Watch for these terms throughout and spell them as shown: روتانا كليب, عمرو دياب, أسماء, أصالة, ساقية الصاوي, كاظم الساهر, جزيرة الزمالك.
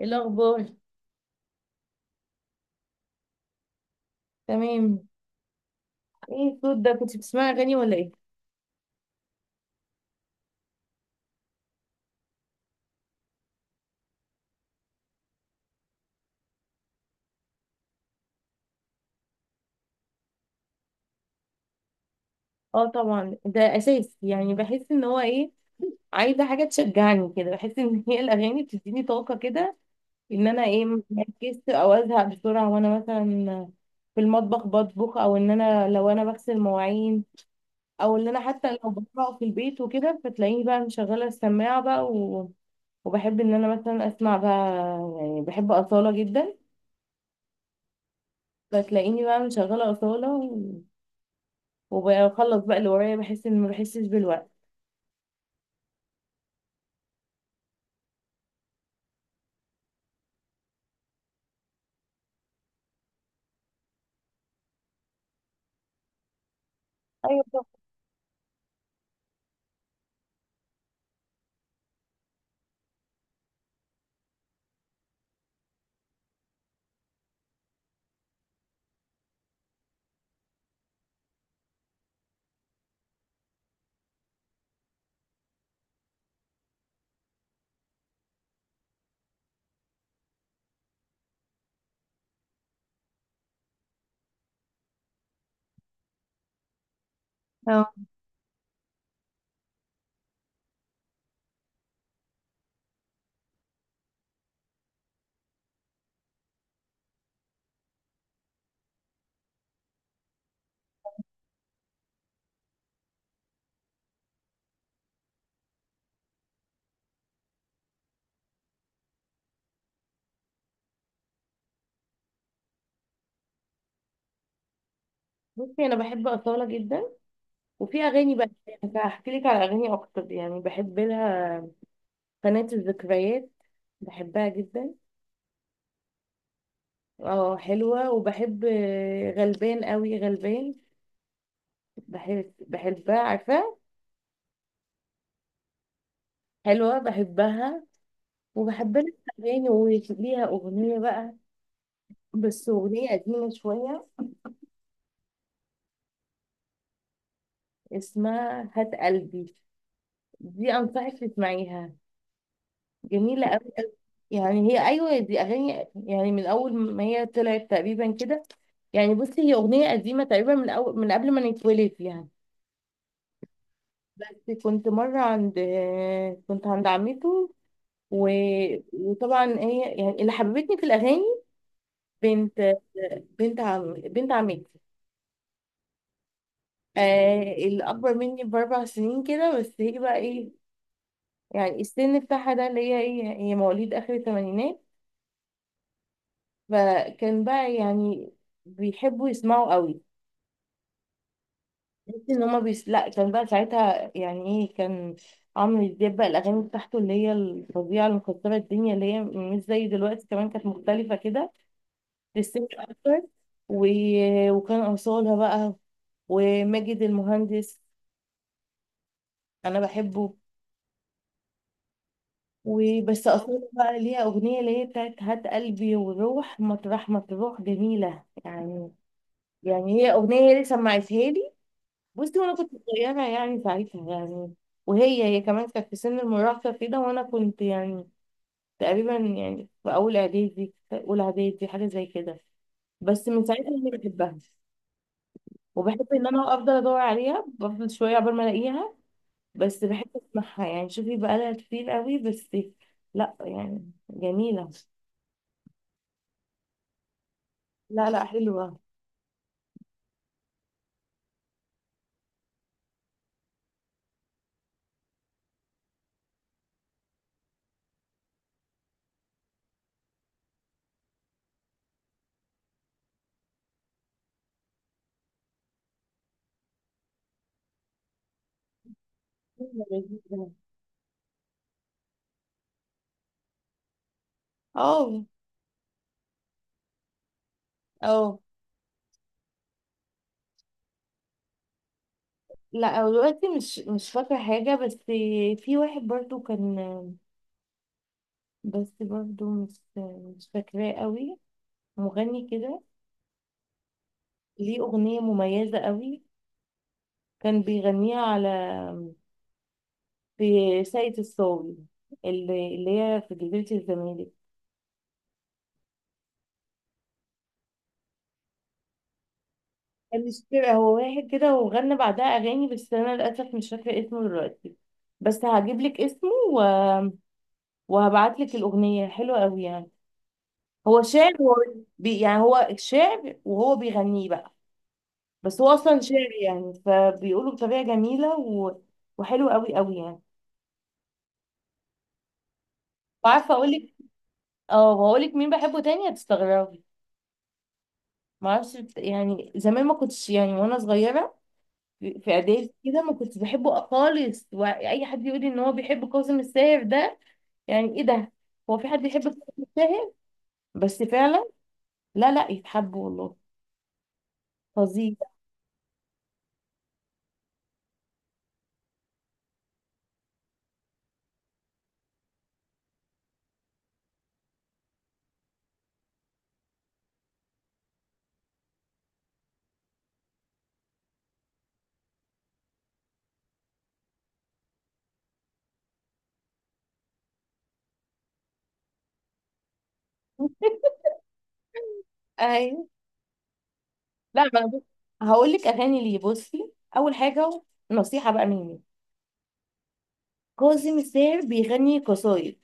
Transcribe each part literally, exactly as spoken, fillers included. إيه الاخبار؟ تمام. ايه الصوت ده، كنت بتسمعي اغاني ولا ايه؟ اه، طبعا ده اساس، يعني بحس ان هو ايه، عايزه حاجه تشجعني كده، بحس ان هي الاغاني بتديني طاقه كده، ان انا ايه، مركز او ازهق بسرعه، وانا مثلا في المطبخ بطبخ، او ان انا لو انا بغسل مواعين، او ان انا حتى لو بقرا في البيت وكده، فتلاقيني بقى مشغله السماعه بقى و... وبحب ان انا مثلا اسمع بقى، يعني بحب اصاله جدا، فتلاقيني بقى مشغله اصاله، وبخلص بقى اللي ورايا، بحس ان ما بحسش بالوقت. ايوه، صح. اه، بصي، انا بحب اصاله جدا، وفي اغاني بقى هحكي لك على اغاني اكتر يعني بحب لها. قناه الذكريات بحبها جدا. اه، حلوه، وبحب آه، غلبان قوي، غلبان بحب بحبها عارفه. حلوه بحبها. وبحب لها اغاني، وليها اغنيه بقى، بس اغنيه قديمه شويه، اسمها هات قلبي. دي انصحك تسمعيها، جميلة أوي أوي. يعني هي، أيوة، دي أغاني يعني من أول ما هي طلعت تقريبا كده. يعني بصي، هي أغنية قديمة تقريبا من أول، من قبل ما نتولد يعني. بس كنت مرة عند كنت عند عمته و... وطبعا هي يعني اللي حببتني في الأغاني، بنت بنت عم بنت عمتي آه اللي أكبر مني بأربع سنين كده. بس هي بقى إيه، يعني السن بتاعها ده اللي هي إيه، هي مواليد آخر الثمانينات. فكان بقى يعني بيحبوا يسمعوا قوي. تحس ان هما بيس... لا، كان بقى ساعتها يعني ايه، كان عمرو دياب بقى، الاغاني بتاعته اللي هي الفظيعه اللي مكسره الدنيا، اللي هي مش زي دلوقتي، كمان كانت مختلفه كده، للست اكتر. و... وكان اصالها بقى، وماجد المهندس، انا بحبه. وبس اصالها بقى ليها اغنيه اللي هي بتاعت هات قلبي، والروح مطرح ما تروح، جميله يعني. يعني هي اغنيه هي اللي سمعتها لي، بصي، وانا كنت صغيره يعني ساعتها يعني. وهي هي كمان كانت في سن المراهقه كده، وانا كنت يعني تقريبا يعني في اول اعدادي في اولى اعدادي، حاجه زي كده. بس من ساعتها انا بحبها، وبحب ان انا افضل ادور عليها، بفضل شويه عقبال ما الاقيها، بس بحب اسمعها يعني. شوفي بقى لها كتير قوي، بس لا يعني جميله. لا لا، حلوه. حلوة، لذيذة. اه، اه. لا، أو دلوقتي مش مش فاكره حاجه، بس في واحد برضو كان، بس برضو مش مش فاكراه قوي، مغني كده، ليه أغنية مميزة قوي، كان بيغنيها على، في ساقية الصاوي، اللي, اللي هي في جزيرة الزمالك. كان، مش فاكرة، هو واحد كده وغنى بعدها أغاني، بس أنا للأسف مش فاكرة اسمه دلوقتي. بس هجيب لك اسمه و... وهبعت لك الأغنية، حلوة قوي يعني. هو شعر، هو بي... يعني هو شعر وهو بيغنيه بقى، بس هو اصلا شعر يعني فبيقولوا بطريقه جميله و... وحلو قوي قوي يعني. وعارفه اقول لك، اه، هقول لك مين بحبه تاني، هتستغربي. ما اعرفش، بت- يعني زمان ما كنتش يعني، وانا صغيره في في اعدادي كده، ما كنتش بحبه خالص. واي حد يقول لي ان هو بيحب كاظم الساهر ده، يعني ايه ده؟ هو في حد يحب كاظم الساهر؟ بس فعلا، لا لا، يتحب والله، فظيع. ايوه. لا، ما انا هقول لك اغاني ليه، بصي. اول حاجه، نصيحه بقى مني، كاظم الساهر بيغني قصايد.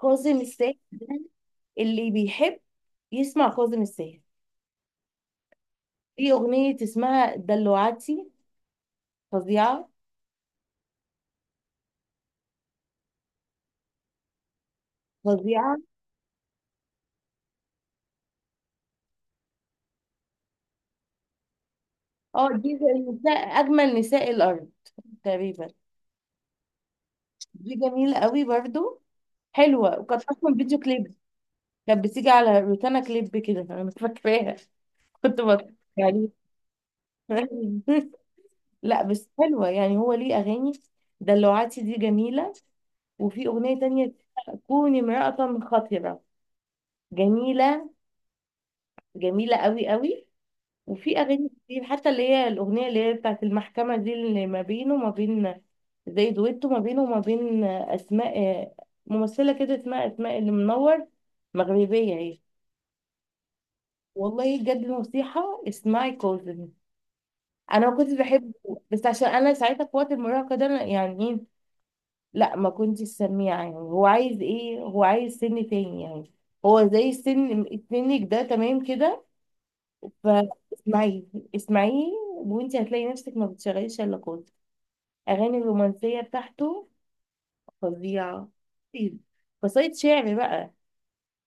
كاظم الساهر ده، اللي بيحب يسمع كاظم الساهر، في أغنية اسمها دلوعتي، فظيعة، فظيعة. اه، دي زي نساء، أجمل نساء الأرض، تقريبا. دي جميلة قوي برضو، حلوة، وكانت أصلا فيديو كليب، كانت بتيجي على روتانا كليب كده، أنا مش فاكراها. كنت بتفرج عليه. لا، بس حلوة يعني، هو ليه أغاني. دلوعتي دي جميلة، وفي أغنية تانية، كوني امرأة خطرة، جميلة، جميلة قوي قوي. وفي أغاني كتير، حتى اللي هي الأغنية اللي هي بتاعت المحكمة دي، اللي ما بينه وما بين، زي دويتو ما بينه وما بين أسماء، ممثلة كده اسمها أسماء اللي منور، مغربية هي. والله بجد، الموسيقى، اسمعي كوزن. أنا ما كنتش بحبه، بس عشان أنا ساعتها في وقت المراهقة ده، أنا يعني إيه، لا ما كنتش سميعة يعني، هو عايز إيه، هو عايز سن تاني يعني. هو زي السن، سنك ده تمام كده. فاسمعيه، اسمعيه، وانت هتلاقي نفسك ما بتشغليش الا كود، اغاني الرومانسيه بتاعته، فظيعه. طيب. قصايد شعر بقى،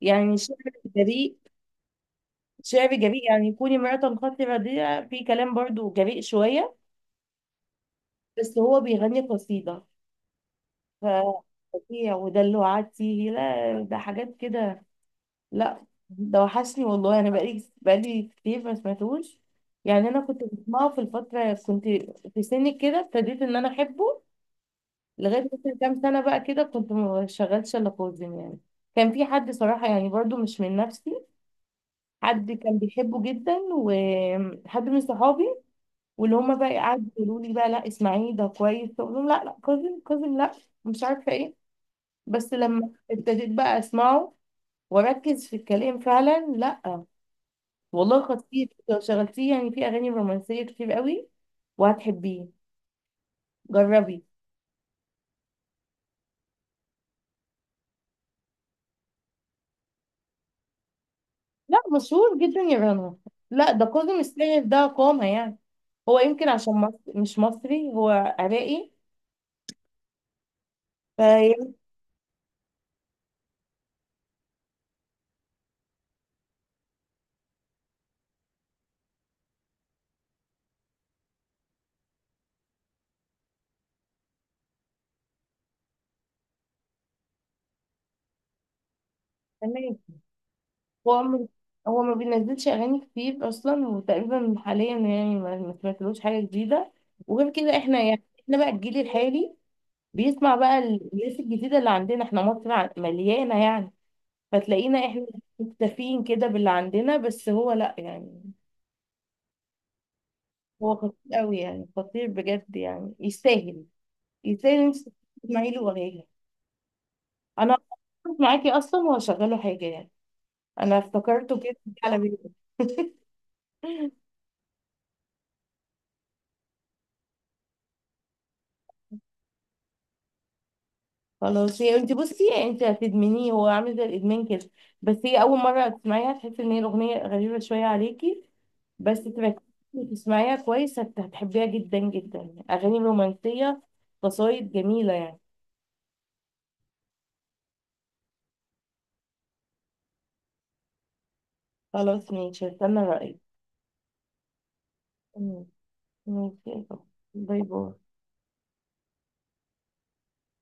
يعني شعر جريء، شعر جريء. يعني كوني امرأة خاطرة دي، في كلام برضو جريء شوية، بس هو بيغني قصيدة ف فظيع. ودلوعتي، لا ده حاجات كده، لا. ده وحشني والله، انا بقالي بقالي كتير ما سمعتوش يعني. انا كنت بسمعه في الفترة، كنت في سنك كده، ابتديت ان انا احبه لغاية مثلا كام سنة بقى كده، كنت ما شغلتش إلا خوزن يعني. كان في حد صراحة يعني، برضو مش من نفسي، حد كان بيحبه جدا، وحد من صحابي، واللي هما بقى قعدوا يقولوا لي بقى، لا اسمعيه ده كويس، فأقول لهم، لا لا، كوزن كوزن لا، مش عارفة ايه. بس لما ابتديت بقى اسمعه واركز في الكلام فعلا، لا والله خطير. لو شغلتيه يعني في اغاني رومانسية كتير قوي وهتحبيه، جربي. لا، مشهور جدا يا رنا، لا ده كاظم الساهر ده قامة يعني. هو يمكن عشان مصر مش مصري، هو عراقي، فيعني. تمام. هو م- هو ما بينزلش اغاني كتير اصلا، وتقريبا حاليا يعني ما ما سمعتلوش حاجه جديده. وغير كده احنا يعني احنا بقى الجيل الحالي بيسمع بقى ال- الناس الجديده اللي عندنا احنا، مصر ع- مليانه يعني. فتلاقينا احنا مكتفيين كده باللي عندنا، بس هو لا يعني، هو خطير قوي يعني، خطير بجد يعني، يستاهل، يستاهل إن انت تسمعي له اغاني. انا هقف معاكي اصلا وهشغله حاجه يعني، انا افتكرته كده، جه على بالي. خلاص، هي انت بصي، انت هتدمنيه، هو عامل زي الادمان كده. بس هي اول مره تسمعيها تحسي ان هي الاغنيه غريبه شويه عليكي، بس تركزي وتسمعيها كويس هت- هتحبيها جدا جدا، اغاني رومانسيه، قصايد جميله يعني. خلاص ماشي، هستنى رايك. مم. ماشي. باي باي.